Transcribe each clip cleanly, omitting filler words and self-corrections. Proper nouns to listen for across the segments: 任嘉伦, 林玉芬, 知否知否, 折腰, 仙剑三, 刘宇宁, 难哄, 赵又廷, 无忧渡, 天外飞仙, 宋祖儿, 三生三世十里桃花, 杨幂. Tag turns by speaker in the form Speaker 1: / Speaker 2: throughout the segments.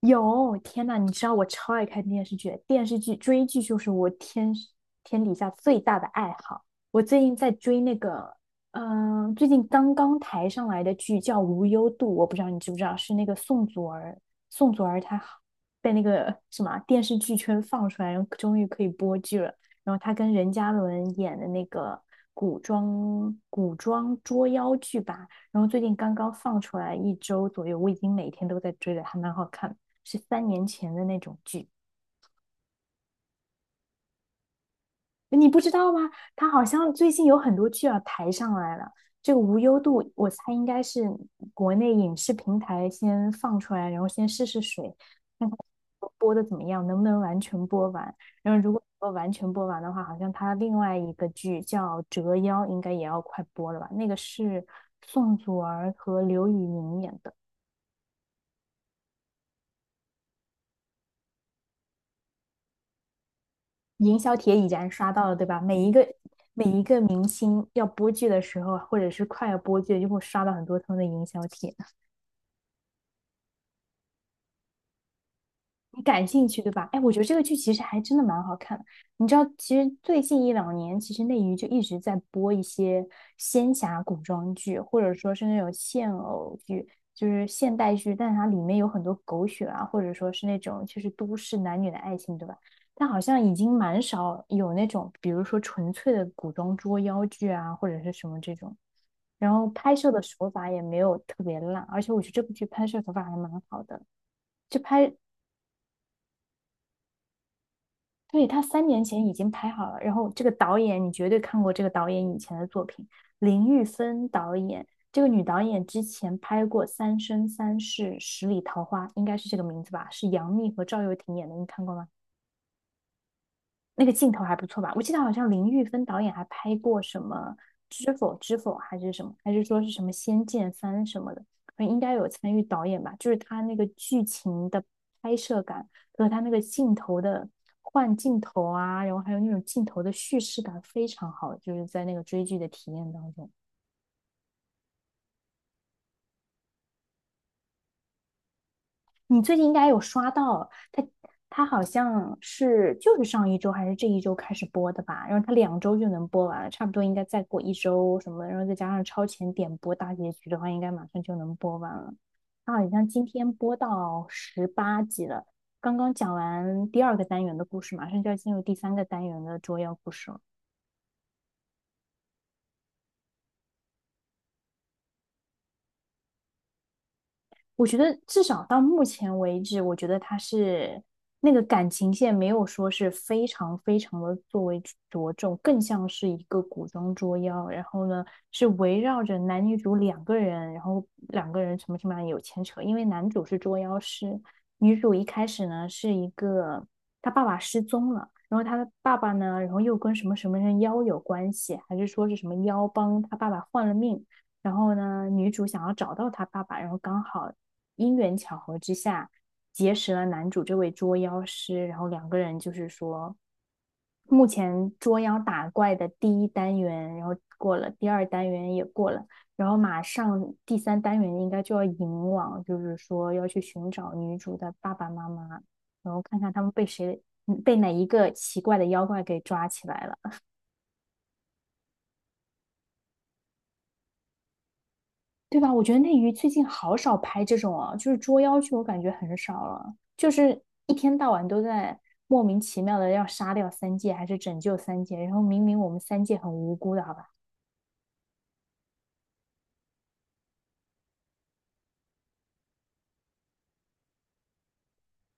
Speaker 1: 有，天呐，你知道我超爱看电视剧，电视剧追剧就是我天底下最大的爱好。我最近在追那个，最近刚刚抬上来的剧叫《无忧渡》，我不知道你知不知道，是那个宋祖儿，宋祖儿她好，被那个什么电视剧圈放出来，然后终于可以播剧了。然后她跟任嘉伦演的那个古装捉妖剧吧，然后最近刚刚放出来一周左右，我已经每天都在追了，还蛮好看，是三年前的那种剧。你不知道吗？它好像最近有很多剧要抬上来了。这个无忧渡，我猜应该是国内影视平台先放出来，然后先试试水，看看播的怎么样，能不能完全播完。然后如果说完全播完的话，好像它另外一个剧叫《折腰》，应该也要快播了吧？那个是宋祖儿和刘宇宁演的。营销帖已然刷到了，对吧？每一个明星要播剧的时候啊，或者是快要播剧，就会刷到很多他们的营销帖。你感兴趣，对吧？哎，我觉得这个剧其实还真的蛮好看的。你知道，其实最近一两年，其实内娱就一直在播一些仙侠古装剧，或者说是那种现偶剧，就是现代剧，但它里面有很多狗血啊，或者说是那种就是都市男女的爱情，对吧？但好像已经蛮少有那种，比如说纯粹的古装捉妖剧啊，或者是什么这种。然后拍摄的手法也没有特别烂，而且我觉得这部剧拍摄手法还蛮好的。就拍对，他三年前已经拍好了，然后这个导演你绝对看过这个导演以前的作品，林玉芬导演，这个女导演之前拍过《三生三世十里桃花》，应该是这个名字吧？是杨幂和赵又廷演的，你看过吗？那个镜头还不错吧？我记得好像林玉芬导演还拍过什么《知否知否》还是什么，还是说是什么《仙剑三》什么的，应该有参与导演吧？就是他那个剧情的拍摄感和他那个镜头的换镜头啊，然后还有那种镜头的叙事感非常好，就是在那个追剧的体验当中。你最近应该有刷到他，他好像是就是上一周还是这一周开始播的吧？然后他两周就能播完了，差不多应该再过一周什么的，然后再加上超前点播大结局的话，应该马上就能播完了。他好像今天播到十八集了，刚刚讲完第二个单元的故事，马上就要进入第三个单元的捉妖故事了。我觉得至少到目前为止，我觉得他是那个感情线没有说是非常非常的作为着重，更像是一个古装捉妖。然后呢，是围绕着男女主两个人，然后两个人什么什么有牵扯。因为男主是捉妖师，女主一开始呢是一个她爸爸失踪了，然后她的爸爸呢，然后又跟什么什么人妖有关系，还是说是什么妖帮她爸爸换了命。然后呢，女主想要找到她爸爸，然后刚好因缘巧合之下结识了男主这位捉妖师，然后两个人就是说，目前捉妖打怪的第一单元，然后过了，第二单元也过了，然后马上第三单元应该就要引往，就是说要去寻找女主的爸爸妈妈，然后看看他们被谁，被哪一个奇怪的妖怪给抓起来了。对吧？我觉得内娱最近好少拍这种啊，就是捉妖剧，我感觉很少了，就是一天到晚都在莫名其妙的要杀掉三界，还是拯救三界，然后明明我们三界很无辜的，好吧？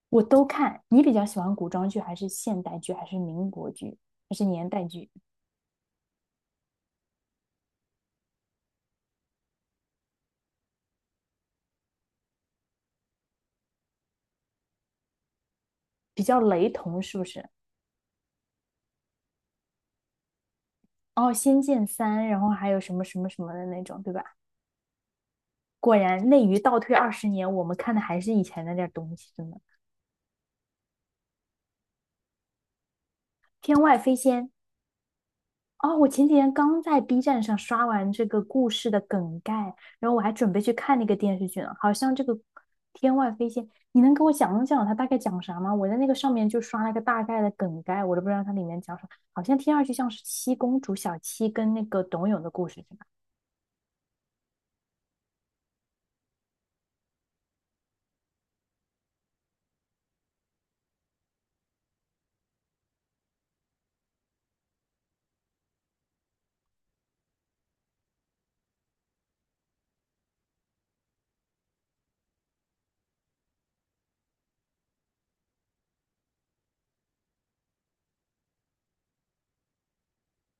Speaker 1: 我都看。你比较喜欢古装剧，还是现代剧，还是民国剧，还是年代剧？比较雷同是不是？哦，《仙剑三》，然后还有什么什么什么的那种，对吧？果然内娱倒退二十年，我们看的还是以前那点儿东西，真的天外飞仙。哦，我前几天刚在 B 站上刷完这个故事的梗概，然后我还准备去看那个电视剧呢。好像这个《天外飞仙》，你能给我讲讲它大概讲啥吗？我在那个上面就刷了个大概的梗概，我都不知道它里面讲啥。好像听上去像是七公主小七跟那个董永的故事，是吧？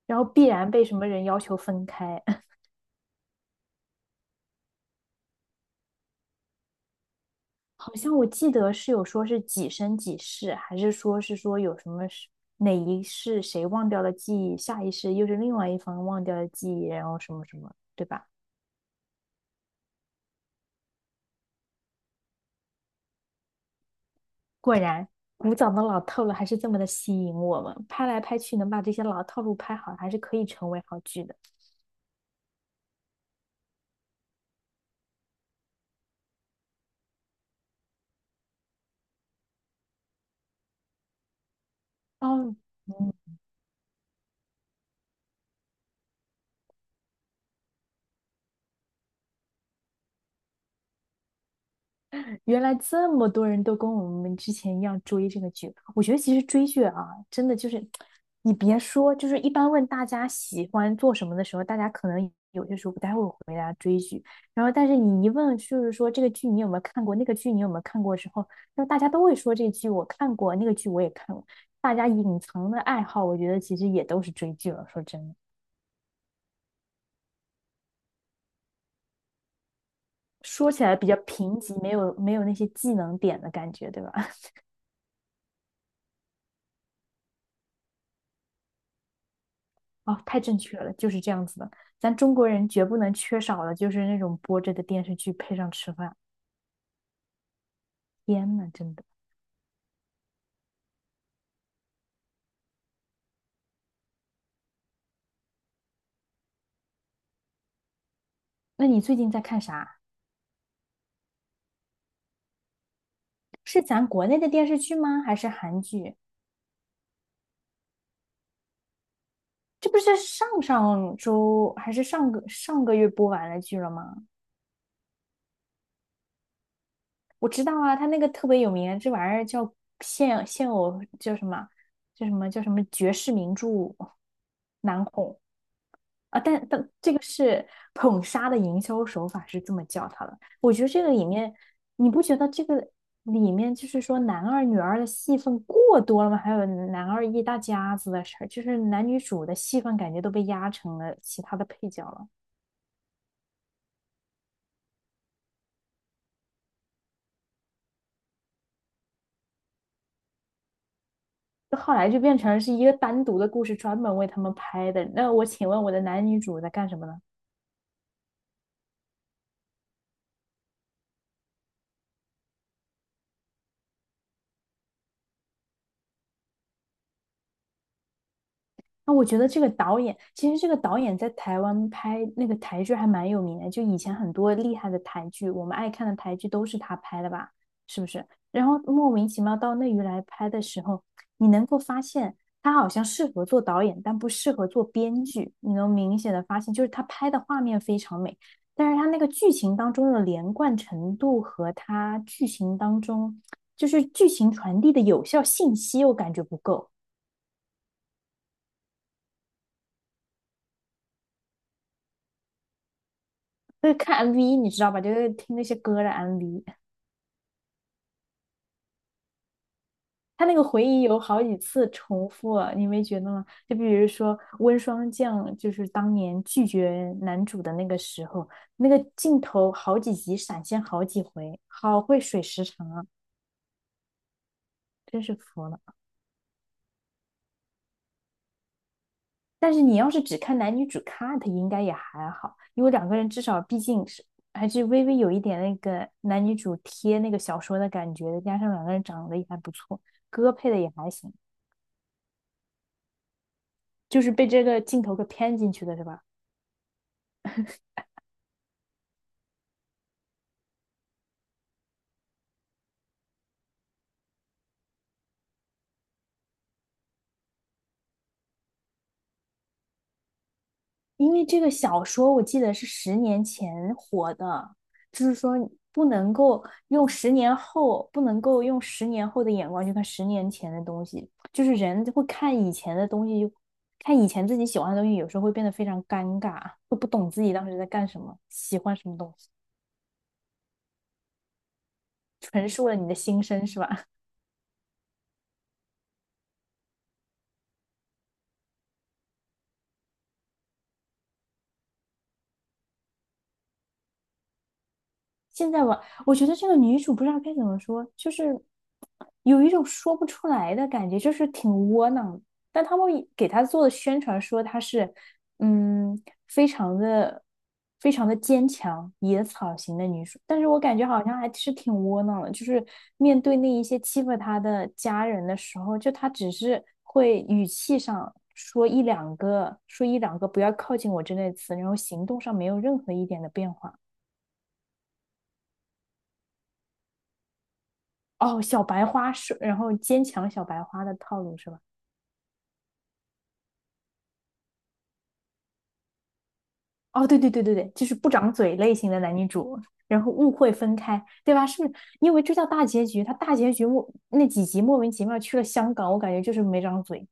Speaker 1: 然后必然被什么人要求分开。好像我记得是有说是几生几世，还是说是说有什么是哪一世谁忘掉了记忆，下一世又是另外一方忘掉了记忆，然后什么什么，对吧？果然，古早的老套路还是这么的吸引我们，拍来拍去能把这些老套路拍好，还是可以成为好剧的。哦，嗯。原来这么多人都跟我们之前一样追这个剧，我觉得其实追剧啊，真的就是，你别说，就是一般问大家喜欢做什么的时候，大家可能有些时候不太会回答追剧，然后但是你一问，就是说这个剧你有没有看过，那个剧你有没有看过之后，那大家都会说这剧我看过，那个剧我也看过，大家隐藏的爱好，我觉得其实也都是追剧了。说真的，说起来比较贫瘠，没有那些技能点的感觉，对吧？哦，太正确了，就是这样子的。咱中国人绝不能缺少的就是那种播着的电视剧配上吃饭。天呐，真的。那你最近在看啥？是咱国内的电视剧吗？还是韩剧？这不是上上周还是上个上个月播完了剧了吗？我知道啊，他那个特别有名，这玩意儿叫现偶叫什么？叫什么绝世名著难哄啊！但这个是捧杀的营销手法是这么叫它的。我觉得这个里面，你不觉得这个里面就是说男二女二的戏份过多了吗？还有男二一大家子的事儿，就是男女主的戏份感觉都被压成了其他的配角了。后来就变成是一个单独的故事，专门为他们拍的。那我请问我的男女主在干什么呢？那我觉得这个导演，其实这个导演在台湾拍那个台剧还蛮有名的，就以前很多厉害的台剧，我们爱看的台剧都是他拍的吧？是不是？然后莫名其妙到内娱来拍的时候，你能够发现他好像适合做导演，但不适合做编剧。你能明显的发现，就是他拍的画面非常美，但是他那个剧情当中的连贯程度和他剧情当中就是剧情传递的有效信息，我感觉不够。就是看 MV,你知道吧？就是听那些歌的 MV,他那个回忆有好几次重复，你没觉得吗？就比如说温霜降，就是当年拒绝男主的那个时候，那个镜头好几集闪现好几回，好会水时长啊，真是服了。但是你要是只看男女主 cut，应该也还好，因为两个人至少毕竟是还是微微有一点那个男女主贴那个小说的感觉的，加上两个人长得也还不错，歌配的也还行。就是被这个镜头给骗进去的，是吧？因为这个小说我记得是十年前火的，就是说不能够用十年后，不能够用十年后的眼光去看十年前的东西，就是人会看以前的东西，看以前自己喜欢的东西，有时候会变得非常尴尬，会不懂自己当时在干什么，喜欢什么东西，陈述了你的心声，是吧？现在我觉得这个女主不知道该怎么说，就是有一种说不出来的感觉，就是挺窝囊的，但他们给她做的宣传说她是，嗯，非常的、非常的坚强、野草型的女主，但是我感觉好像还是挺窝囊的。就是面对那一些欺负她的家人的时候，就她只是会语气上说一两个、说一两个不要靠近我之类的词，然后行动上没有任何一点的变化。哦，小白花是，然后坚强小白花的套路是吧？哦，对对对对对，就是不长嘴类型的男女主，然后误会分开，对吧？是不是？因为这叫大结局，他大结局莫那几集莫名其妙去了香港，我感觉就是没长嘴。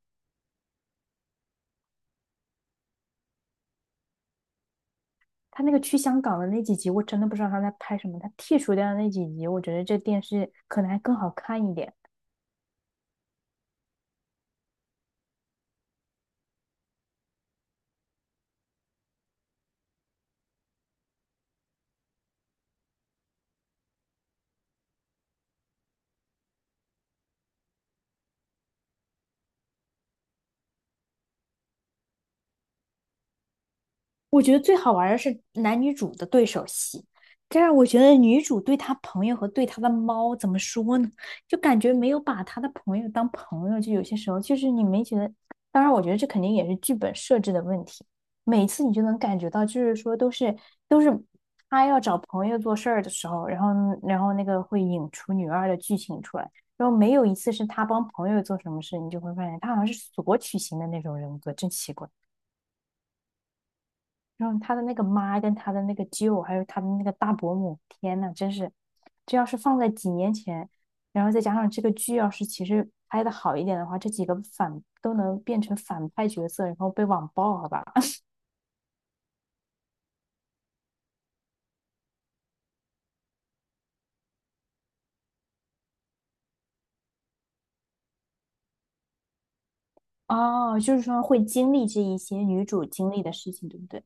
Speaker 1: 他那个去香港的那几集，我真的不知道他在拍什么。他剔除掉的那几集，我觉得这电视可能还更好看一点。我觉得最好玩儿的是男女主的对手戏，这样我觉得女主对她朋友和对她的猫怎么说呢？就感觉没有把她的朋友当朋友，就有些时候就是你没觉得。当然，我觉得这肯定也是剧本设置的问题。每次你就能感觉到，就是说都是他要找朋友做事儿的时候，然后那个会引出女二的剧情出来，然后没有一次是他帮朋友做什么事，你就会发现他好像是索取型的那种人格，真奇怪。然后他的那个妈跟他的那个舅，还有他的那个大伯母，天呐，真是，这要是放在几年前，然后再加上这个剧要是其实拍的好一点的话，这几个反都能变成反派角色，然后被网暴，好吧？哦，就是说会经历这一些女主经历的事情，对不对？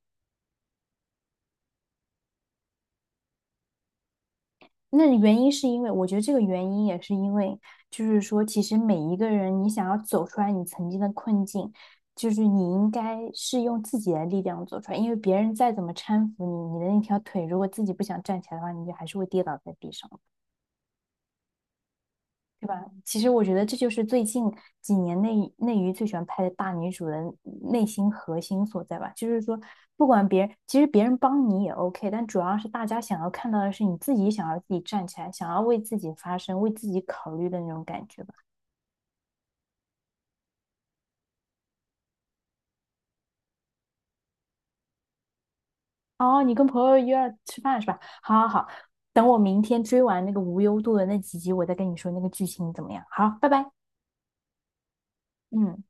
Speaker 1: 那原因是因为，我觉得这个原因也是因为，就是说，其实每一个人，你想要走出来你曾经的困境，就是你应该是用自己的力量走出来，因为别人再怎么搀扶你，你的那条腿如果自己不想站起来的话，你就还是会跌倒在地上。对吧？其实我觉得这就是最近几年内内娱最喜欢拍的大女主的内心核心所在吧。就是说，不管别人，其实别人帮你也 OK，但主要是大家想要看到的是你自己想要自己站起来，想要为自己发声、为自己考虑的那种感觉吧。哦，你跟朋友约了吃饭是吧？好好好，等我明天追完那个无忧渡的那几集，我再跟你说那个剧情怎么样。好，拜拜。嗯。